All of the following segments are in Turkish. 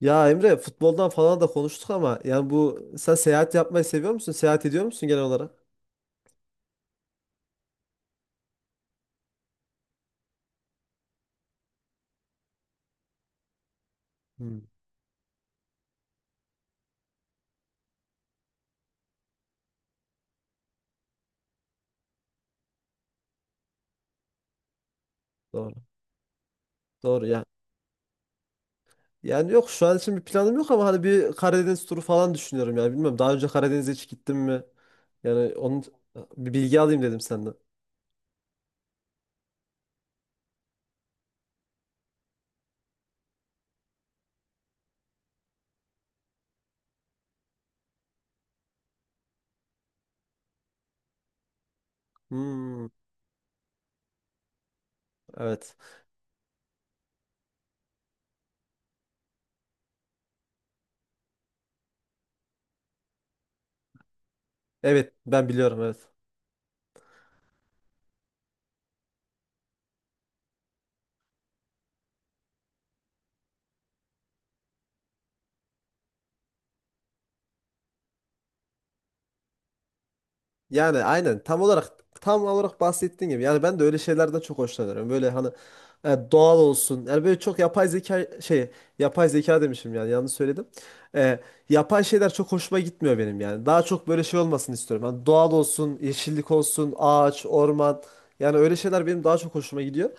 Ya Emre futboldan falan da konuştuk ama yani bu sen seyahat yapmayı seviyor musun? Seyahat ediyor musun genel olarak? Hmm, doğru. Doğru ya. Yani yok şu an için bir planım yok ama hani bir Karadeniz turu falan düşünüyorum yani bilmiyorum. Daha önce Karadeniz'e hiç gittim mi? Yani onun bir bilgi alayım dedim senden. Hmm, evet. Evet ben biliyorum evet. Yani aynen tam olarak bahsettiğin gibi. Yani ben de öyle şeylerden çok hoşlanıyorum. Böyle hani doğal olsun. Yani böyle çok yapay zeka şey, yapay zeka demişim yani yanlış söyledim. E, Yapay şeyler çok hoşuma gitmiyor benim yani. Daha çok böyle şey olmasını istiyorum. Hani doğal olsun, yeşillik olsun, ağaç, orman. Yani öyle şeyler benim daha çok hoşuma gidiyor.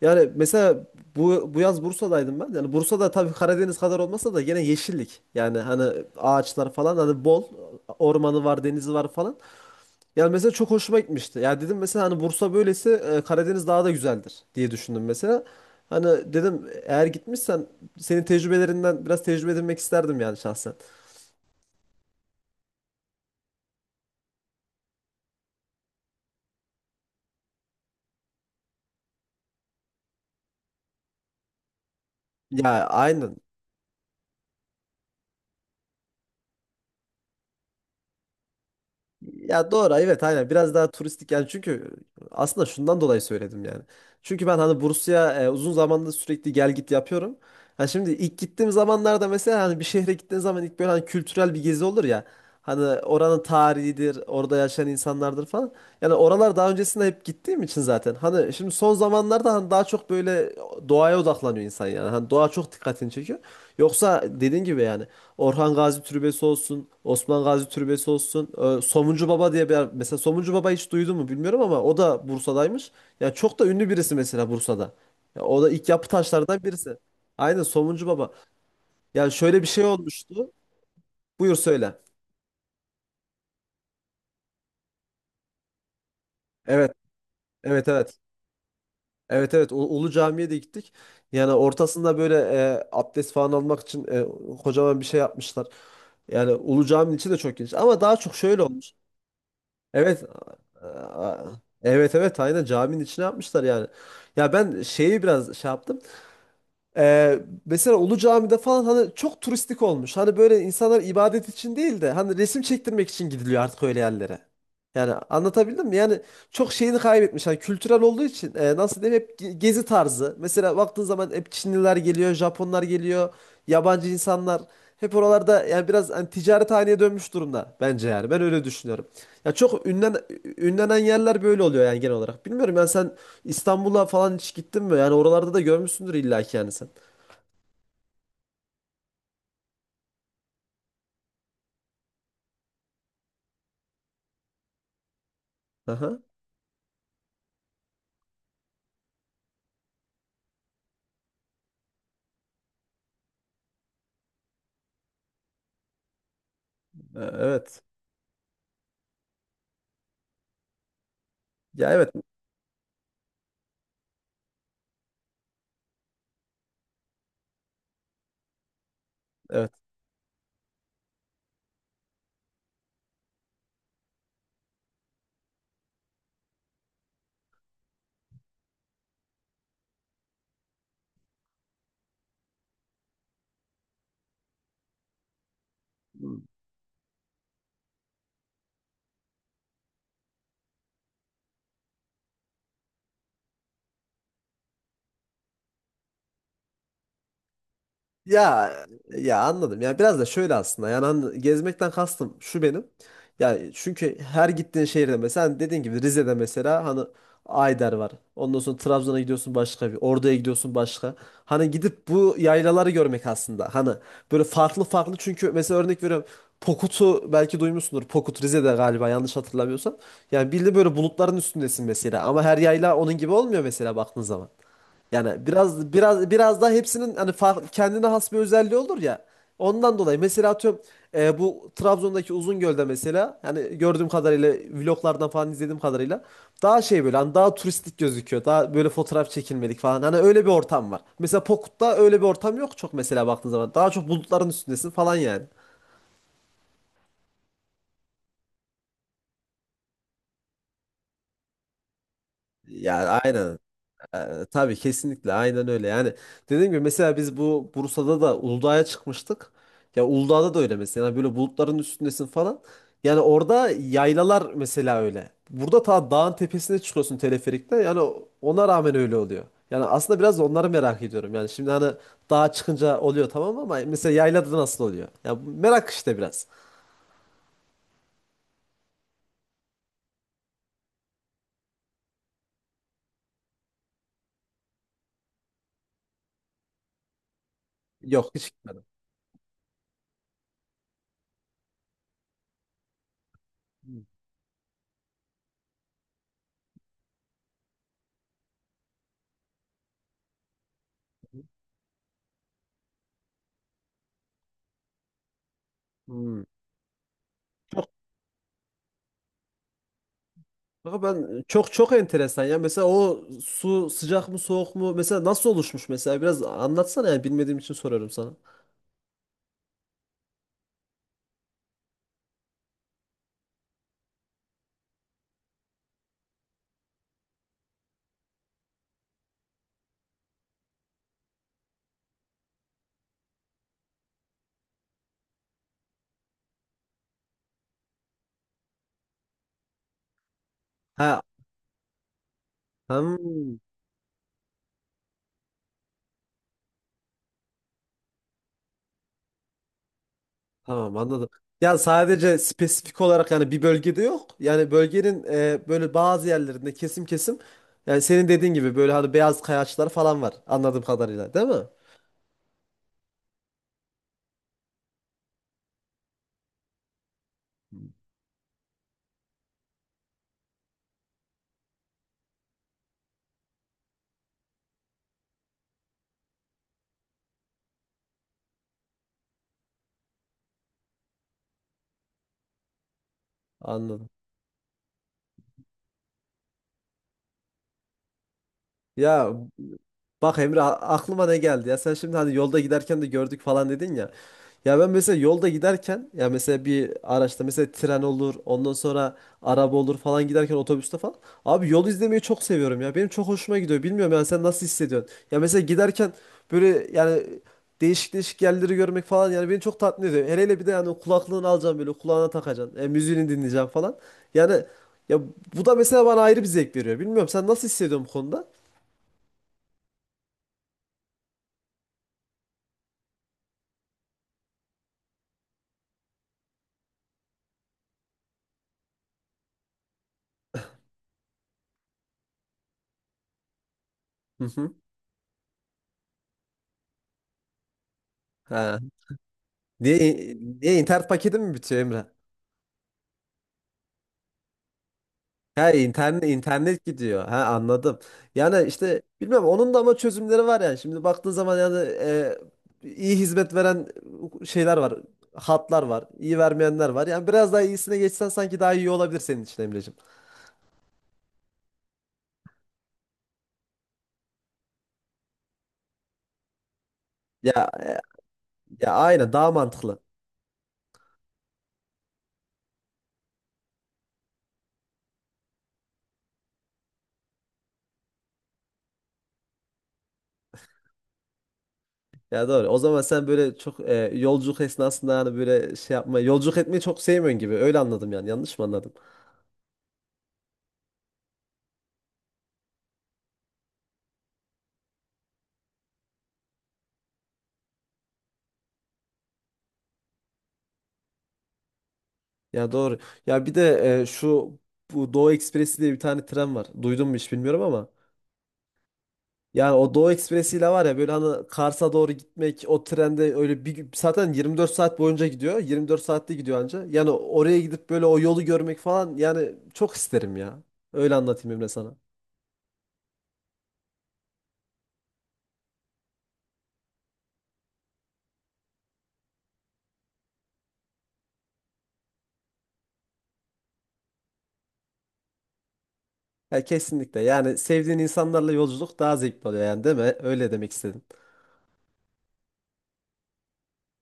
Yani mesela bu yaz Bursa'daydım ben. Yani Bursa'da tabii Karadeniz kadar olmasa da gene yeşillik. Yani hani ağaçlar falan hani bol ormanı var, denizi var falan. Yani mesela çok hoşuma gitmişti. Ya dedim mesela hani Bursa böylesi Karadeniz daha da güzeldir diye düşündüm mesela. Hani dedim eğer gitmişsen senin tecrübelerinden biraz tecrübe edinmek isterdim yani şahsen. Ya aynen. Ya doğru evet aynen biraz daha turistik yani çünkü aslında şundan dolayı söyledim yani. Çünkü ben hani Bursa'ya uzun zamandır sürekli gel git yapıyorum. Yani şimdi ilk gittiğim zamanlarda mesela hani bir şehre gittiğin zaman ilk böyle hani kültürel bir gezi olur ya. Hani oranın tarihidir, orada yaşayan insanlardır falan. Yani oralar daha öncesinde hep gittiğim için zaten. Hani şimdi son zamanlarda hani daha çok böyle doğaya odaklanıyor insan yani. Hani doğa çok dikkatini çekiyor. Yoksa dediğin gibi yani Orhan Gazi Türbesi olsun, Osman Gazi Türbesi olsun. Somuncu Baba diye mesela Somuncu Baba hiç duydun mu bilmiyorum ama o da Bursa'daymış. Ya çok da ünlü birisi mesela Bursa'da. Ya o da ilk yapı taşlarından birisi. Aynen Somuncu Baba. Yani şöyle bir şey olmuştu. Buyur söyle. Evet, evet, evet. Evet evet Ulu Cami'ye de gittik. Yani ortasında böyle abdest falan almak için kocaman bir şey yapmışlar. Yani Ulu Cami'nin içi de çok geniş ama daha çok şöyle olmuş. Evet. Aa, evet evet aynen caminin içine yapmışlar yani. Ya ben şeyi biraz şey yaptım. Ee, Mesela Ulu Cami'de falan hani çok turistik olmuş. Hani böyle insanlar ibadet için değil de hani resim çektirmek için gidiliyor artık öyle yerlere. Yani anlatabildim mi? Yani çok şeyini kaybetmiş. Hani kültürel olduğu için nasıl diyeyim hep gezi tarzı. Mesela baktığın zaman hep Çinliler geliyor, Japonlar geliyor, yabancı insanlar. Hep oralarda yani biraz hani ticaret haline dönmüş durumda bence yani. Ben öyle düşünüyorum. Ya çok ünlen, Ünlenen yerler böyle oluyor yani genel olarak. Bilmiyorum yani sen İstanbul'a falan hiç gittin mi? Yani oralarda da görmüşsündür illa ki yani sen. Aha. Evet. Ya evet. Evet. Ya ya anladım. Ya biraz da şöyle aslında. Yani gezmekten kastım şu benim. Yani çünkü her gittiğin şehirde mesela hani dediğin gibi Rize'de mesela hani Ayder var. Ondan sonra Trabzon'a gidiyorsun başka bir. Ordu'ya gidiyorsun başka. Hani gidip bu yaylaları görmek aslında. Hani böyle farklı farklı çünkü mesela örnek veriyorum. Pokut'u belki duymuşsundur. Pokut Rize'de galiba yanlış hatırlamıyorsam. Yani bildiğin böyle bulutların üstündesin mesela. Ama her yayla onun gibi olmuyor mesela baktığın zaman. Yani biraz daha hepsinin hani kendine has bir özelliği olur ya. Ondan dolayı mesela atıyorum, bu Trabzon'daki Uzungöl'de mesela yani gördüğüm kadarıyla vloglardan falan izlediğim kadarıyla daha şey böyle hani daha turistik gözüküyor. Daha böyle fotoğraf çekilmedik falan. Hani öyle bir ortam var. Mesela Pokut'ta öyle bir ortam yok çok mesela baktığın zaman. Daha çok bulutların üstündesin falan yani. Yani aynen. Tabii kesinlikle aynen öyle. Yani dediğim gibi mesela biz bu Bursa'da da Uludağ'a çıkmıştık. Ya Uludağ'da da öyle mesela. Yani böyle bulutların üstündesin falan. Yani orada yaylalar mesela öyle. Burada ta dağın tepesine çıkıyorsun teleferikte. Yani ona rağmen öyle oluyor. Yani aslında biraz da onları merak ediyorum. Yani şimdi hani dağa çıkınca oluyor tamam ama mesela yaylada nasıl oluyor? Ya bu merak işte biraz. Yok hiç gitmedim. Hmm. Kanka ben çok enteresan ya. Mesela o su sıcak mı soğuk mu? Mesela nasıl oluşmuş mesela? Biraz anlatsana yani bilmediğim için soruyorum sana. Ha, hmm, tamam anladım. Ya sadece spesifik olarak yani bir bölgede yok. Yani bölgenin böyle bazı yerlerinde kesim kesim yani senin dediğin gibi böyle hani beyaz kayaçlar falan var anladığım kadarıyla değil mi? Anladım. Ya bak Emre, aklıma ne geldi ya, sen şimdi hani yolda giderken de gördük falan dedin ya. Ya ben mesela yolda giderken ya mesela bir araçta mesela tren olur ondan sonra araba olur falan giderken otobüste falan. Abi yol izlemeyi çok seviyorum ya, benim çok hoşuma gidiyor, bilmiyorum yani sen nasıl hissediyorsun? Ya mesela giderken böyle yani değişik değişik yerleri görmek falan yani beni çok tatmin ediyor. Hele hele bir de yani kulaklığını alacaksın böyle kulağına takacaksın, müziğini dinleyeceksin falan. Yani ya bu da mesela bana ayrı bir zevk veriyor, bilmiyorum sen nasıl hissediyorsun bu konuda? Hı hı. He. Niye, niye internet paketi mi bitiyor Emre? Ha, internet internet gidiyor. Ha anladım. Yani işte bilmem onun da ama çözümleri var yani. Şimdi baktığın zaman yani, iyi hizmet veren şeyler var. Hatlar var. İyi vermeyenler var. Yani biraz daha iyisine geçsen sanki daha iyi olabilir senin için Emreciğim. Ya ya aynen daha mantıklı. Ya doğru. O zaman sen böyle çok, yolculuk esnasında yani böyle şey yapma, yolculuk etmeyi çok sevmiyorsun gibi. Öyle anladım yani. Yanlış mı anladım? Ya doğru. Ya bir de e, şu bu Doğu Ekspresi diye bir tane tren var. Duydun mu hiç bilmiyorum ama. Yani o Doğu Ekspresi ile var ya böyle hani Kars'a doğru gitmek, o trende öyle zaten 24 saat boyunca gidiyor. 24 saatte gidiyor anca. Yani oraya gidip böyle o yolu görmek falan yani çok isterim ya. Öyle anlatayım Emre sana. Ya kesinlikle. Yani sevdiğin insanlarla yolculuk daha zevkli oluyor yani değil mi? Öyle demek istedim.